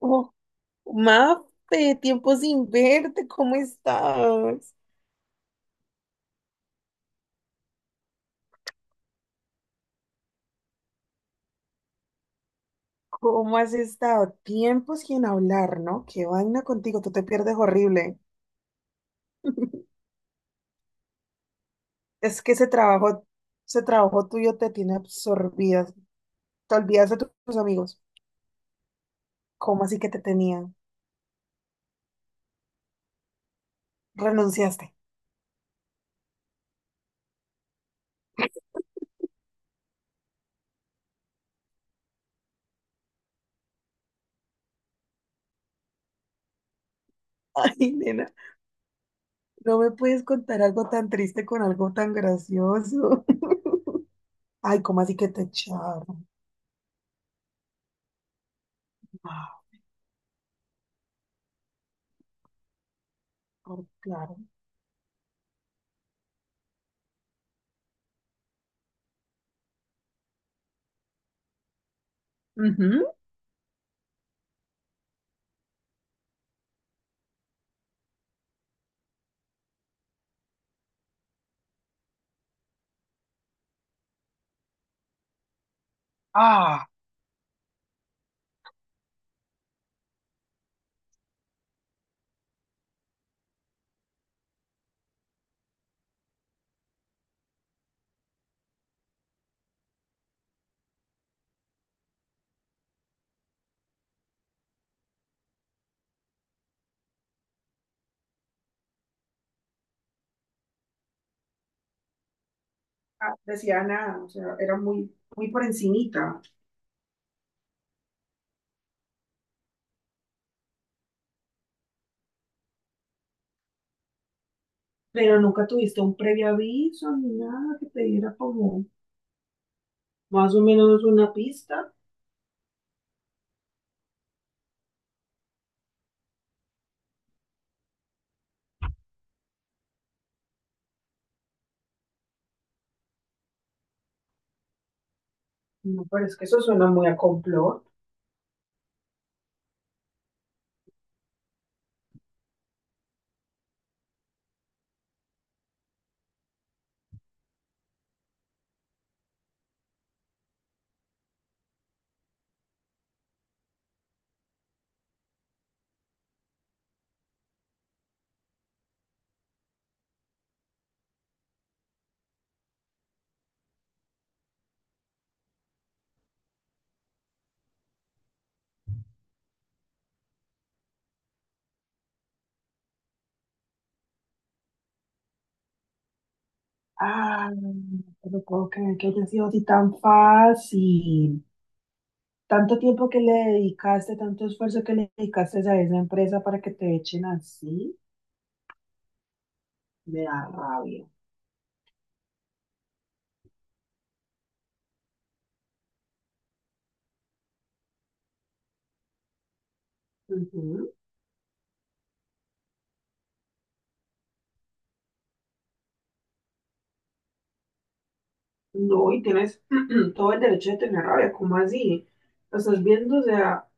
Oh, Mafe, tiempo sin verte, ¿cómo estás? ¿Cómo has estado? Tiempo sin hablar, ¿no? Qué vaina contigo, tú te pierdes horrible. Es que ese trabajo tuyo te tiene absorbida. Te olvidas de tus amigos. ¿Cómo así que te tenían? Renunciaste. Ay, nena, no me puedes contar algo tan triste con algo tan gracioso. Ay, ¿cómo así que te echaron? Ah, por claro. Ujú. Ah, decía nada, o sea, era muy, muy por encimita. Pero nunca tuviste un previo aviso ni nada que te diera como más o menos una pista. No, pero es que eso suena muy a complot. Ah, pero puedo creer que haya sido así tan fácil. Tanto tiempo que le dedicaste, tanto esfuerzo que le dedicaste a esa empresa para que te echen así, me da rabia. Ujú. No, y tienes todo el derecho de tener rabia, ¿cómo así? Lo estás viendo, o sea,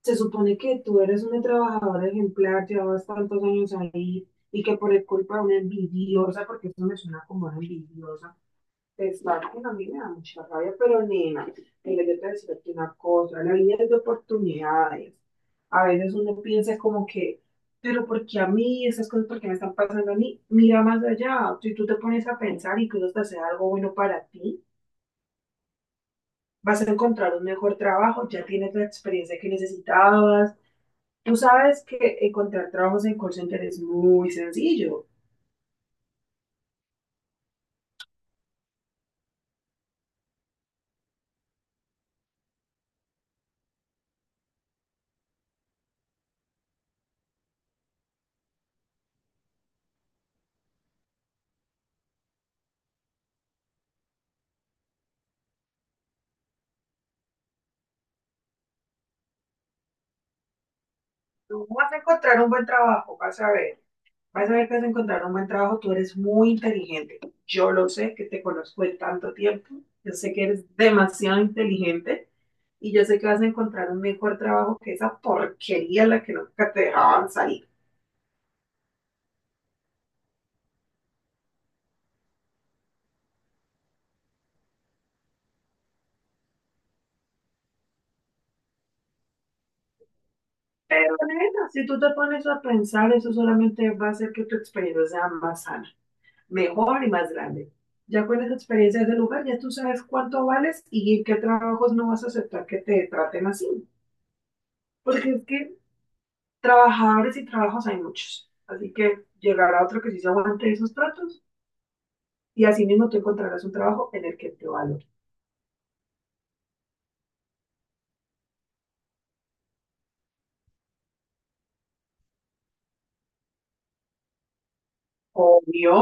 se supone que tú eres una trabajadora ejemplar, llevabas tantos años ahí y que por el culpa de una envidiosa, porque eso me suena como una envidiosa, te que a mí me da mucha rabia, pero nena, mira, yo te voy a decir aquí una cosa, la vida es de oportunidades. A veces uno piensa como que, pero ¿por qué a mí? Esas cosas, ¿por qué me están pasando a mí? Mira más allá, si tú te pones a pensar, incluso hasta sea algo bueno para ti, vas a encontrar un mejor trabajo, ya tienes la experiencia que necesitabas. Tú sabes que encontrar trabajos en call center es muy sencillo. Tú vas a encontrar un buen trabajo, vas a ver. Vas a ver que vas a encontrar un buen trabajo. Tú eres muy inteligente. Yo lo sé, que te conozco de tanto tiempo. Yo sé que eres demasiado inteligente y yo sé que vas a encontrar un mejor trabajo que esa porquería en la que nunca te dejaban salir. Pero nena, si tú te pones a pensar, eso solamente va a hacer que tu experiencia sea más sana, mejor y más grande. Ya con esa experiencia de lugar, ya tú sabes cuánto vales y en qué trabajos no vas a aceptar que te traten así. Porque es que trabajadores y trabajos hay muchos. Así que llegará otro que sí se aguante esos tratos y así mismo tú encontrarás un trabajo en el que te valore. Obvio,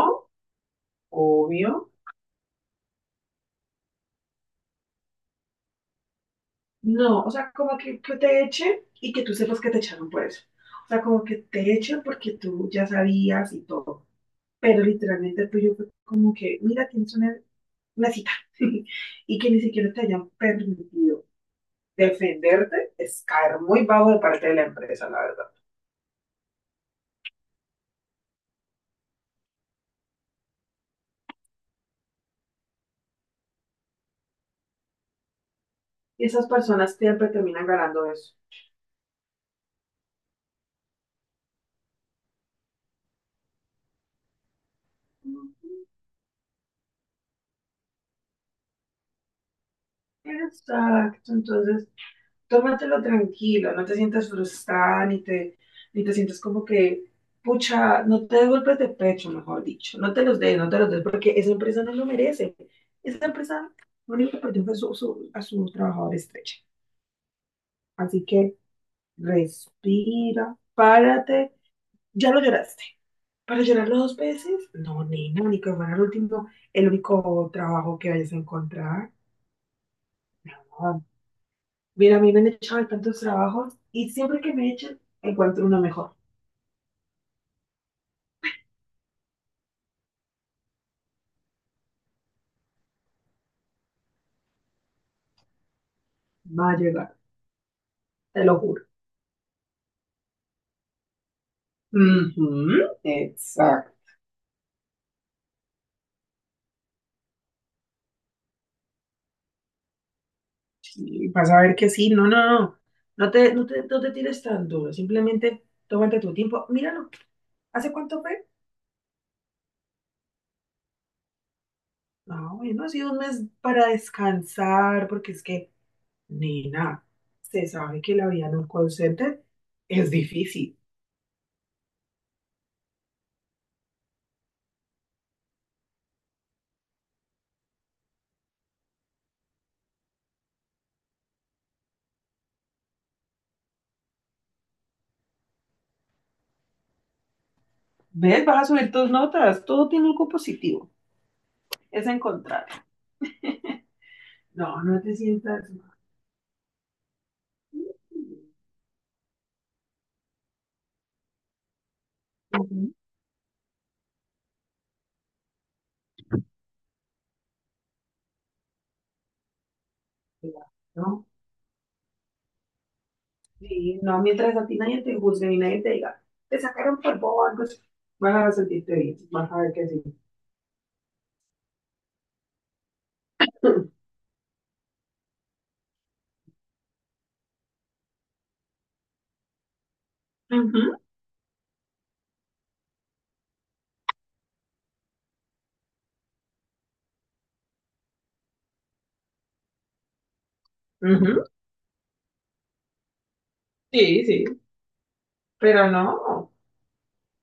obvio. No, o sea, como que te echen y que tú sepas que te echaron por eso. O sea, como que te echen porque tú ya sabías y todo. Pero literalmente el tuyo fue como que, mira, tienes una cita. Y que ni siquiera te hayan permitido defenderte es caer muy bajo de parte de la empresa, la verdad. Y esas personas siempre terminan ganando eso. Exacto, entonces, tómatelo tranquilo, no te sientas frustrada, ni te sientas como que, pucha, no te des golpes de pecho, mejor dicho, no te los des, no te los des, porque esa empresa no lo merece. Esa empresa lo único que perdió fue a su trabajador estrecha. Así que respira, párate, ya lo lloraste. ¿Para llorarlo dos veces? No, nena, ni que fuera el último, el único trabajo que vayas a encontrar. Mira, a mí me han echado de tantos trabajos y siempre que me echan, encuentro uno mejor. Va a llegar, te lo juro. Ujú, exacto. Y vas a ver que sí, no, no, no. No te tires tan duro, simplemente tómate tu tiempo. Míralo, ¿hace cuánto fue? No, bueno, ha sido un mes para descansar, porque es que, nena, se sabe que la vida en un call center es difícil. ¿Ves? Vas a subir tus notas. Todo tiene algo positivo. Es encontrar. No, no te sientas mal. Ujú. ¿No? Sí, no, mientras a ti nadie te juzgue y nadie te diga, te sacaron por bobo, algo así, vas a sentirte bien, vas a ver que sí. Ujú. Ujú, sí, sí, pero no,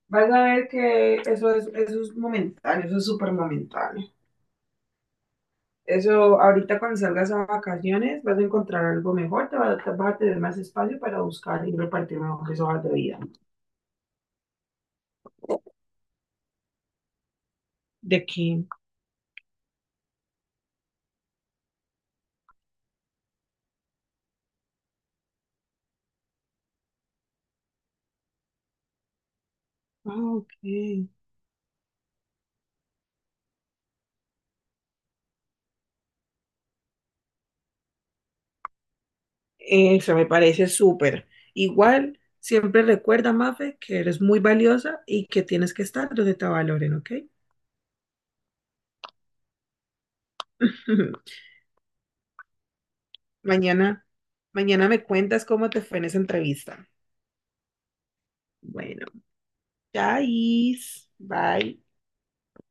vas a ver que eso es momentáneo, eso es súper momentáneo. Eso, ahorita cuando salgas a vacaciones vas a encontrar algo mejor, vas a tener más espacio para buscar y repartir mejores hojas de vida. ¿De quién? Ah, ok. Eso me parece súper. Igual, siempre recuerda, Mafe, que eres muy valiosa y que tienes que estar donde te valoren, ¿ok? Mañana, mañana me cuentas cómo te fue en esa entrevista. Bueno, chais, bye.